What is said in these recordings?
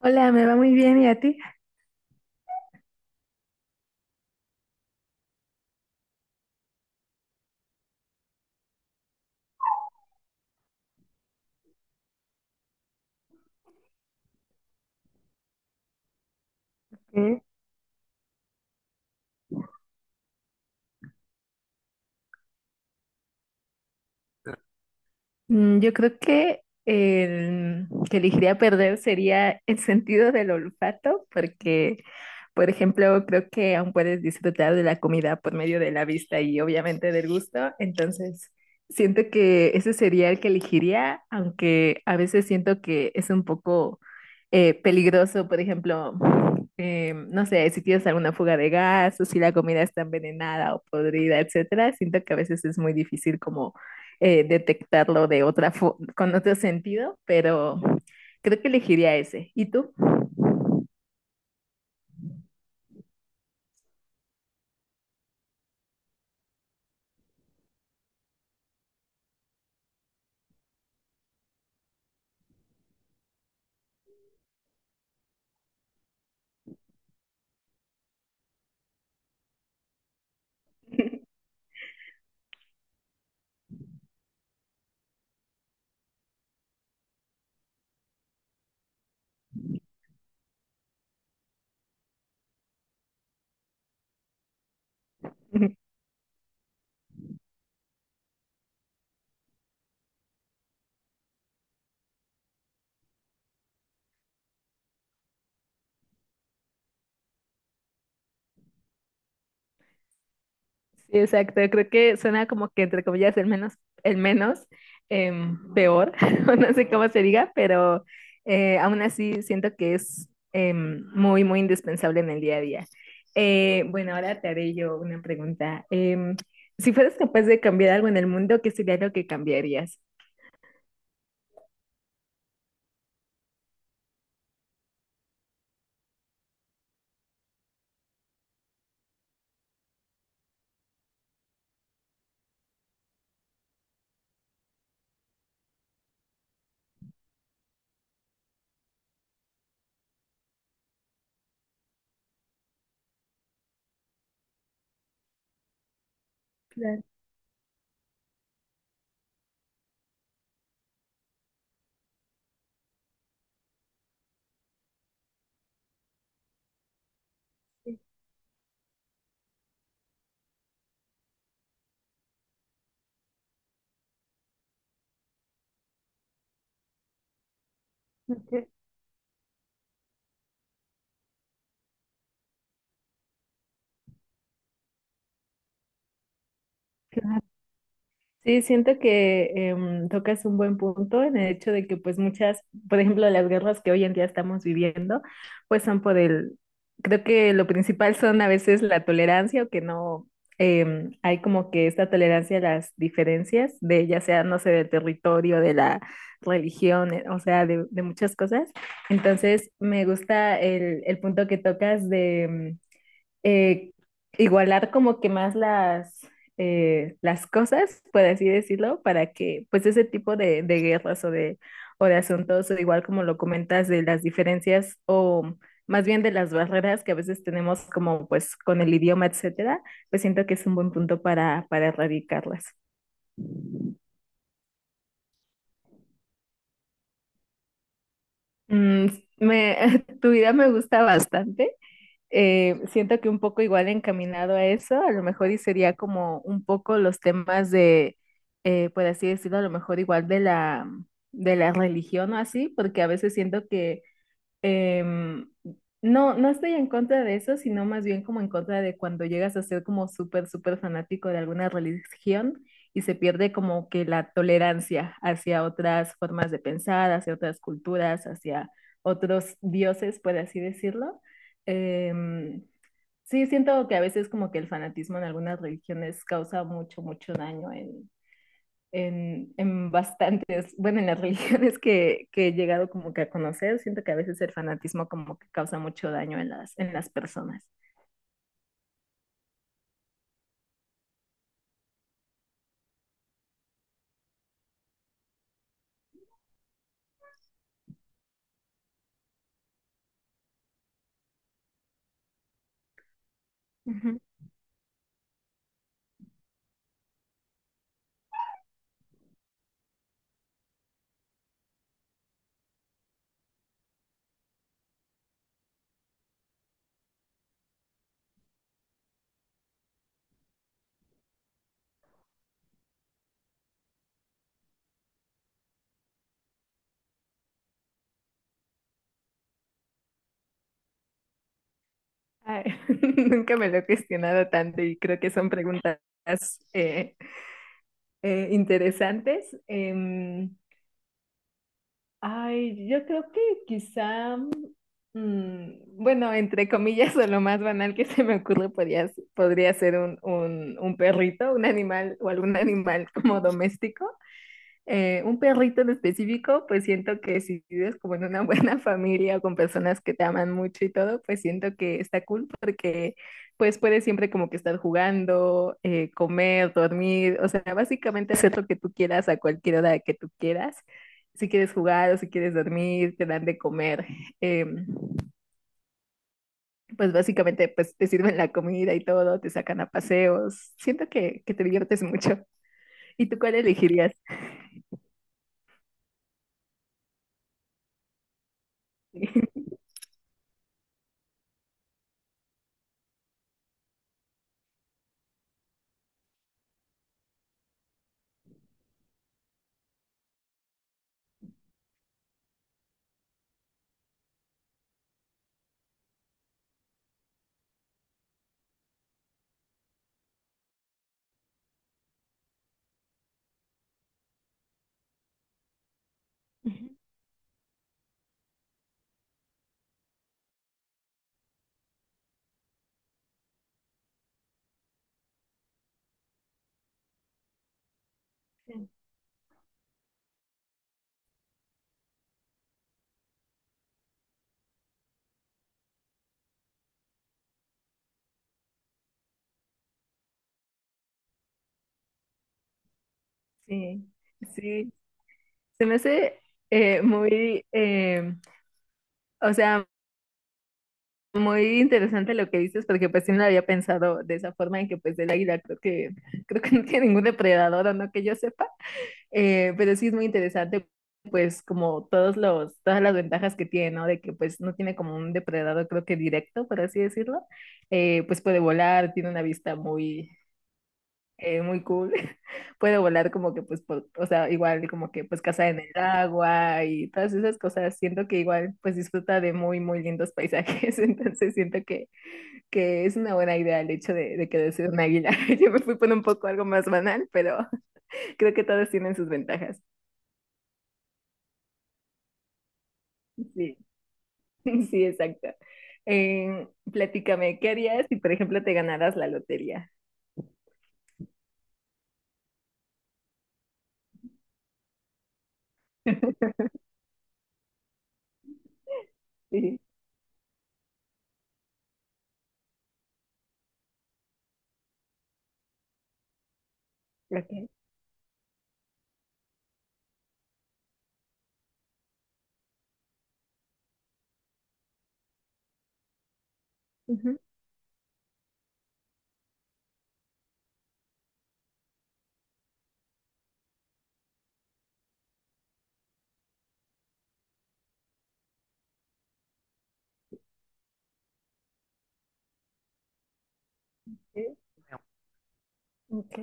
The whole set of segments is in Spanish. Hola, me va muy bien, ¿y a ti? Ok. Yo creo que el que elegiría perder sería el sentido del olfato, porque, por ejemplo, creo que aún puedes disfrutar de la comida por medio de la vista y obviamente del gusto, entonces siento que ese sería el que elegiría, aunque a veces siento que es un poco peligroso. Por ejemplo, no sé, si tienes alguna fuga de gas o si la comida está envenenada o podrida, etcétera, siento que a veces es muy difícil como detectarlo de otra con otro sentido, pero creo que elegiría ese. ¿Y tú? Sí, exacto, creo que suena como que entre comillas el menos peor, o no sé cómo se diga, pero aún así siento que es muy, muy indispensable en el día a día. Bueno, ahora te haré yo una pregunta. Si fueras capaz de cambiar algo en el mundo, ¿qué sería lo que cambiarías? Claro, sí. Ok, claro. Sí, siento que tocas un buen punto en el hecho de que por ejemplo, las guerras que hoy en día estamos viviendo, pues son por el, creo que lo principal son a veces la tolerancia o que no hay como que esta tolerancia a las diferencias de ya sea, no sé, del territorio, de la religión, o sea, de muchas cosas. Entonces, me gusta el punto que tocas de eh, igualar como que más las cosas, por así decirlo, para que pues ese tipo de guerras o de asuntos, o igual como lo comentas, de las diferencias o más bien de las barreras que a veces tenemos como pues con el idioma, etcétera, pues siento que es un buen punto para erradicarlas. Mm, tu idea me gusta bastante. Siento que un poco igual encaminado a eso, a lo mejor y sería como un poco los temas de, por así decirlo, a lo mejor igual de de la religión o así, porque a veces siento que em, no estoy en contra de eso, sino más bien como en contra de cuando llegas a ser como súper, súper fanático de alguna religión y se pierde como que la tolerancia hacia otras formas de pensar, hacia otras culturas, hacia otros dioses, por así decirlo. Em, sí, siento que a veces como que el fanatismo en algunas religiones causa mucho, mucho daño en bastantes, bueno, en las religiones que he llegado como que a conocer, siento que a veces el fanatismo como que causa mucho daño en en las personas. Ujú. Ay, nunca me lo he cuestionado tanto y creo que son preguntas eh, interesantes. Ay, yo creo que quizá, mm, bueno, entre comillas, o lo más banal que se me ocurre podría ser un perrito, un animal o algún animal como doméstico. Un perrito en específico, pues siento que si vives como en una buena familia o con personas que te aman mucho y todo, pues siento que está cool porque pues puedes siempre como que estar jugando, comer, dormir, o sea, básicamente hacer lo que tú quieras a cualquier hora que tú quieras. Si quieres jugar o si quieres dormir, te dan de comer. em, pues básicamente pues te sirven la comida y todo, te sacan a paseos. Siento que te diviertes mucho. ¿Y tú cuál elegirías? Ujú. Sí, sí, se me hace muy, o sea, muy interesante lo que dices, porque pues sí no lo había pensado de esa forma, en que pues el águila creo que no tiene ningún depredador, o no que yo sepa, pero sí es muy interesante, pues como todos todas las ventajas que tiene, ¿no? De que pues no tiene como un depredador, creo que directo, por así decirlo, pues puede volar, tiene una vista muy, muy cool. Puedo volar como que pues, por- o sea, igual como que pues casa en el agua y todas esas cosas. Siento que igual pues disfruta de muy, muy lindos paisajes. Entonces siento que es una buena idea el hecho de querer ser un águila. Yo me fui por un poco algo más banal, pero creo que todas tienen sus ventajas. Sí, sí, exacto. Platícame, ¿qué harías si por ejemplo te ganaras la lotería? Sí, ok. Ujú, sí, ok.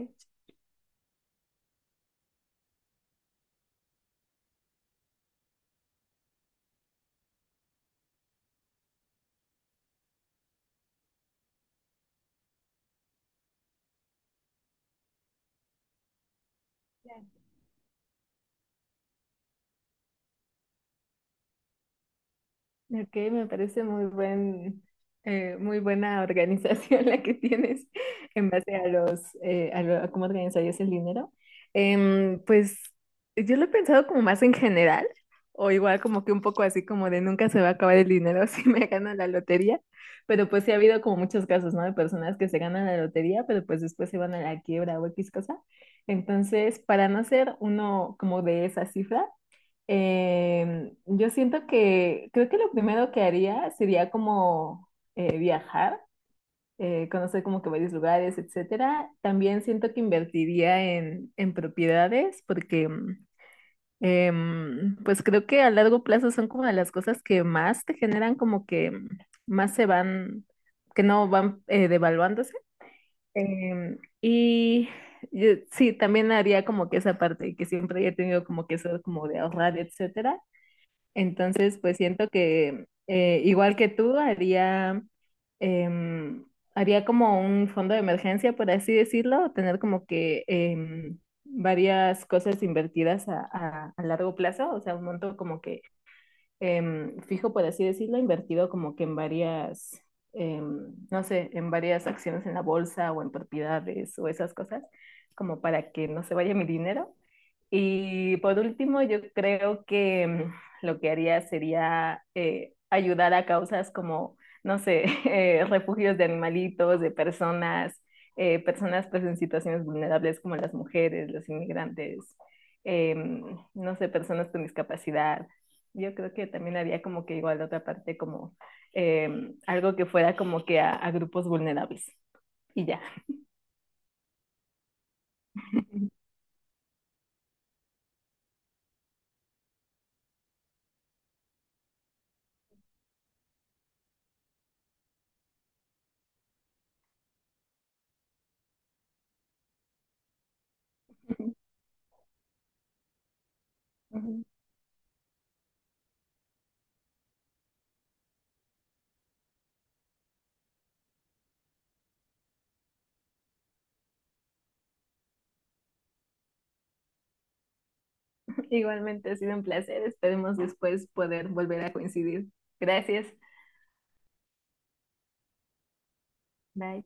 Ok, me parece muy muy buena organización la que tienes en base a los, a a cómo organizarías el dinero. Pues yo lo he pensado como más en general, o igual como que un poco así como de nunca se va a acabar el dinero si me gano la lotería, pero pues sí ha habido como muchos casos, ¿no? De personas que se ganan la lotería, pero pues después se van a la quiebra o X cosa. Entonces, para no ser uno como de esa cifra, yo siento que creo que lo primero que haría sería como viajar, conocer como que varios lugares, etcétera. También siento que invertiría en propiedades porque pues creo que a largo plazo son como de las cosas que más te generan como que más se van, que no van devaluándose. Y sí, también haría como que esa parte que siempre he tenido como que eso como de ahorrar, etcétera. Entonces, pues siento que igual que tú, haría, em, haría como un fondo de emergencia, por así decirlo, o tener como que varias cosas invertidas a, a largo plazo, o sea, un monto como que fijo, por así decirlo, invertido como que en varias, no sé, en varias acciones en la bolsa o en propiedades o esas cosas, como para que no se vaya mi dinero. Y por último, yo creo que lo que haría sería ayudar a causas como, no sé, refugios de animalitos, de personas, personas pues en situaciones vulnerables como las mujeres, los inmigrantes, em, no sé, personas con discapacidad. Yo creo que también había como que igual otra parte como eh, algo que fuera como que a grupos vulnerables. Y ya. Igualmente ha sido un placer. Esperemos después poder volver a coincidir. Gracias. Bye.